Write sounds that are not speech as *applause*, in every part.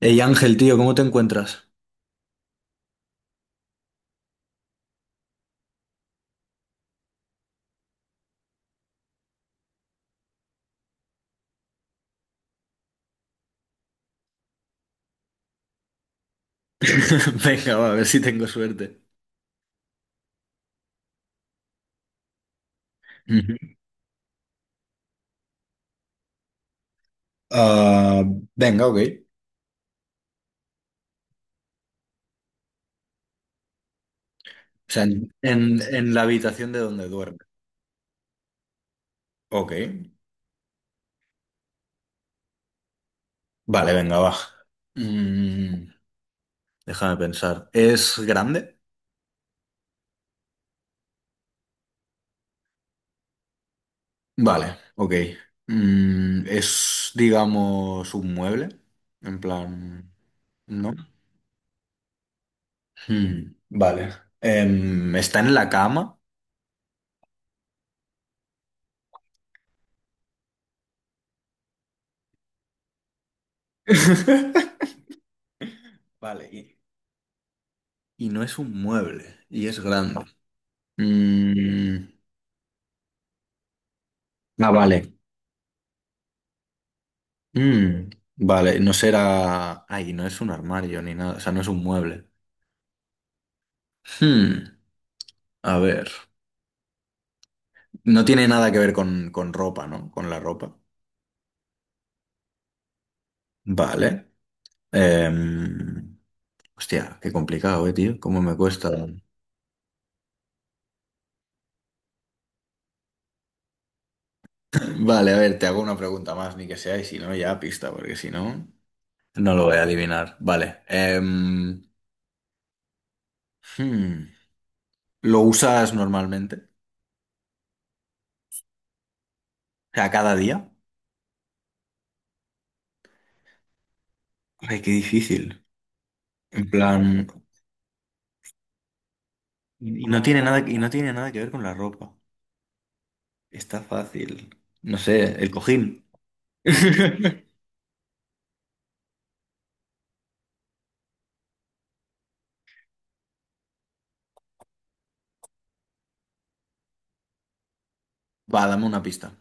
Ey Ángel, tío, ¿cómo te encuentras? *laughs* Venga, va, a ver si tengo suerte. Ujú. Ah, venga, ok. O sea, en la habitación de donde duerme. Ok. Vale, venga, va. Mm, déjame pensar. ¿Es grande? Vale, ok. Mm, es, digamos, un mueble. En plan, ¿no? Mm, vale. Está en la cama. *laughs* Vale. Y no es un mueble y es grande. Mm, ah, vale. Mm, vale, no será... Ay, no es un armario ni nada, o sea, no es un mueble. Hmm, a ver. No tiene nada que ver con ropa, ¿no? Con la ropa. Vale. Em, hostia, qué complicado, tío. Cómo me cuesta. Vale, a ver, te hago una pregunta más, ni que sea, y si no, ya pista, porque si no, no lo voy a adivinar. Vale. Hmm, ¿Lo usas normalmente? O sea, cada día. Ay, qué difícil. En plan, y no tiene nada, que- y no tiene nada que ver con la ropa. Está fácil. No sé, el cojín. *laughs* Va, dame una pista.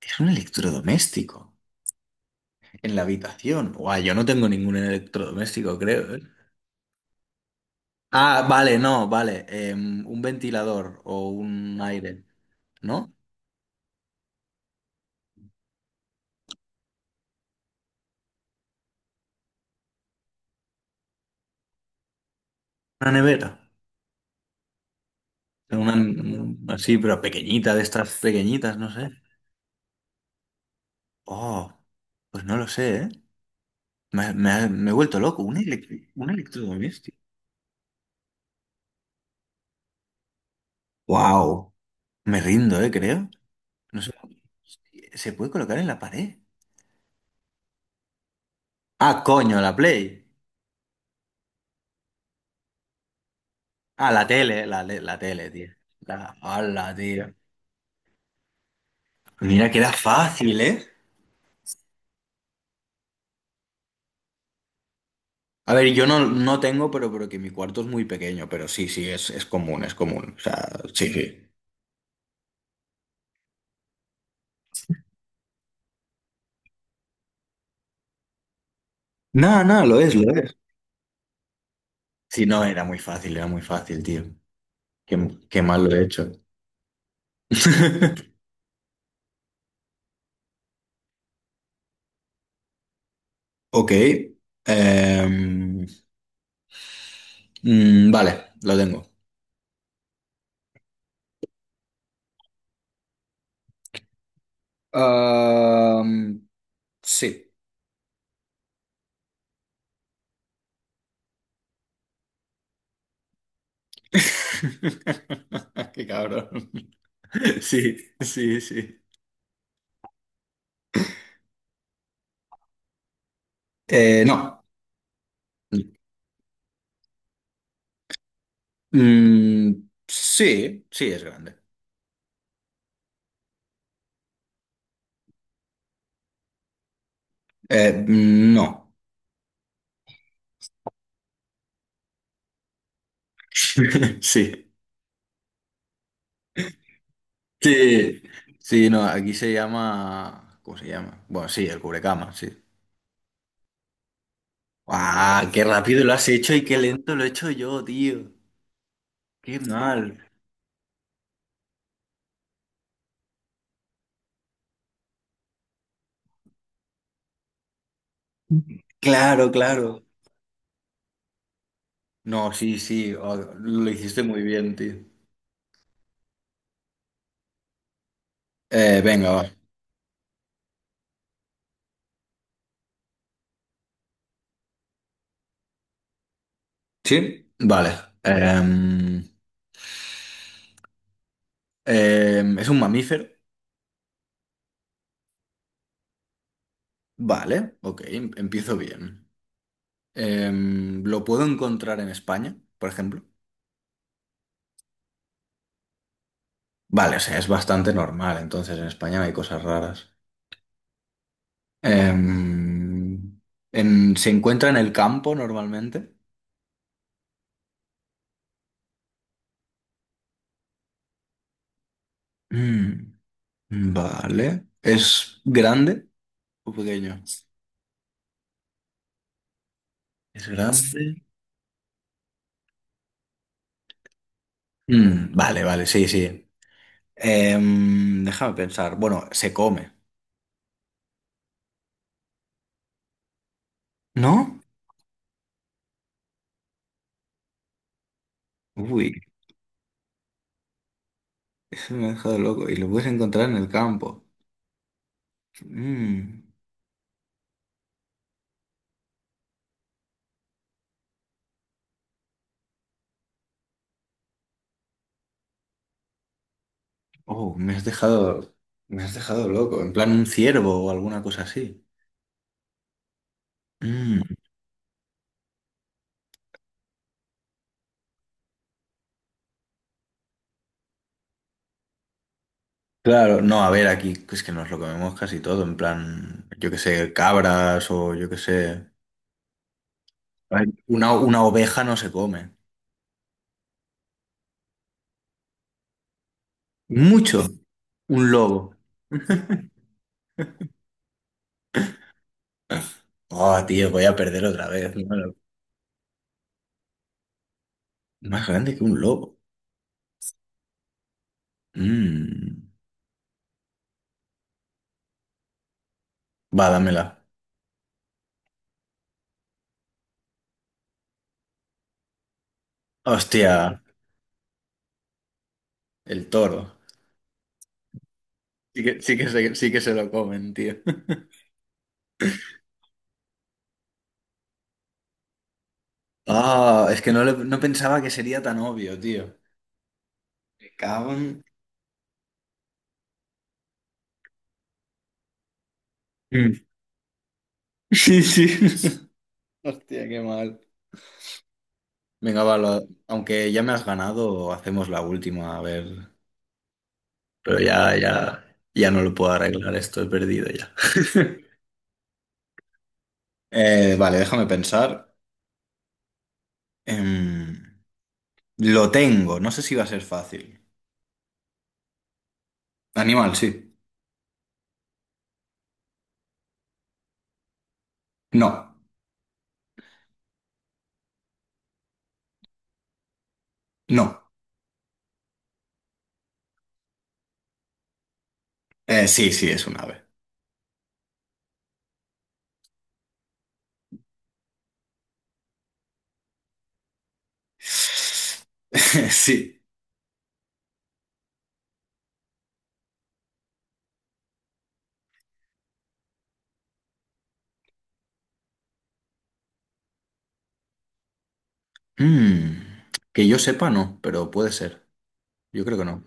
Es un electrodoméstico. En la habitación. Guau, yo no tengo ningún electrodoméstico, creo, ¿eh? Ah, vale, no, vale. Em, un ventilador o un aire, ¿no? Una nevera. Una mm, así, pero pequeñita, de estas pequeñitas, no sé. Oh, pues no lo sé, ¿eh? Me he vuelto loco. Un, un electrodoméstico. Wow. Me rindo, creo. No sé. ¿Se puede colocar en la pared? Ah, coño, la Play. Ah, la tele, la tele, tío. La, ala, tío. Mira que era fácil, ¿eh? A ver, yo no, no tengo, pero que mi cuarto es muy pequeño, pero sí, sí, es común, es común. O sea, sí, sí. No, no, lo es, lo es. Sí, no, era muy fácil, tío. Qué, qué mal lo he hecho. *laughs* Ok. em, vale, lo tengo. Am, sí. *laughs* Qué cabrón. Sí, sí, sí. No. Mm, sí, sí es grande. No. *laughs* Sí. Sí, sí, no, aquí se llama... ¿Cómo se llama? Bueno, sí, el cubrecama, sí. ¡Ah, qué rápido lo has hecho y qué lento lo he hecho yo, tío! ¡Qué mal! Claro, claro. No, sí, sí, oh, lo hiciste muy bien, tío. Venga, va. ¿Sí? Vale. Em, ¿Es un mamífero? Vale, ok, empiezo bien. ¿Lo puedo encontrar en España, por ejemplo? Vale, o sea, es bastante normal, entonces en España no hay cosas raras. Em, ¿Se encuentra en el campo normalmente? Mm, vale. ¿Es grande o pequeño? Es grande. Mm, vale, vale, sí, sí. Em, déjame pensar. Bueno, se come, ¿no? Uy. Eso me ha dejado loco. Y lo puedes encontrar en el campo. Mm. Oh, me has dejado loco. En plan un ciervo o alguna cosa así. Mm. Claro, no, a ver, aquí es que nos lo comemos casi todo. En plan, yo qué sé, cabras o yo qué sé. A ver, una oveja no se come. Mucho. Un lobo. Oh, tío, voy a perder otra vez. Bueno, más grande que un lobo. Mm. Va, dámela. Hostia, el toro. Sí que se lo comen, tío. *laughs* Ah, es que no, no pensaba que sería tan obvio, tío. Me cago en- Mm. *laughs* Sí, sí. *laughs* Hostia, qué mal. Venga, va, aunque ya me has ganado, hacemos la última, a ver. Pero ya, ya, ya no lo puedo arreglar, esto he perdido ya. *laughs* Vale, déjame pensar. Em, lo tengo, no sé si va a ser fácil. Animal, sí. No, no. Sí, sí, es un ave. *laughs* Sí. Mm, que yo sepa, no, pero puede ser. Yo creo que no.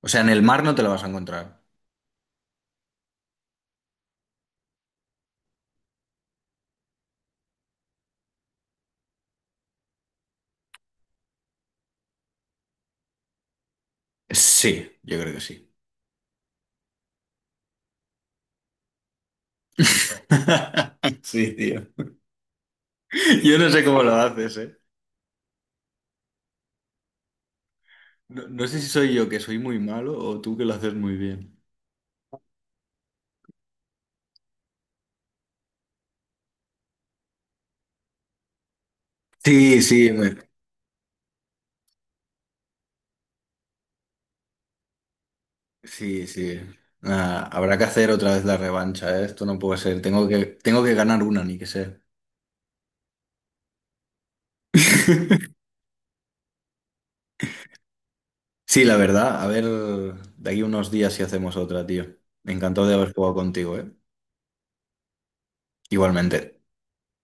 O sea, en el mar no te la vas a encontrar. Sí, yo creo que sí. *laughs* Sí, tío. Yo no sé cómo lo haces, ¿eh? No, no sé si soy yo que soy muy malo o tú que lo haces muy bien. Sí, sí, me- sí, sí. Ah, habrá que hacer otra vez la revancha, ¿eh? Esto no puede ser. Tengo que ganar una, ni que sea. *laughs* Sí, la verdad. A ver, de aquí unos días si hacemos otra, tío. Encantado de haber jugado contigo, ¿eh? Igualmente.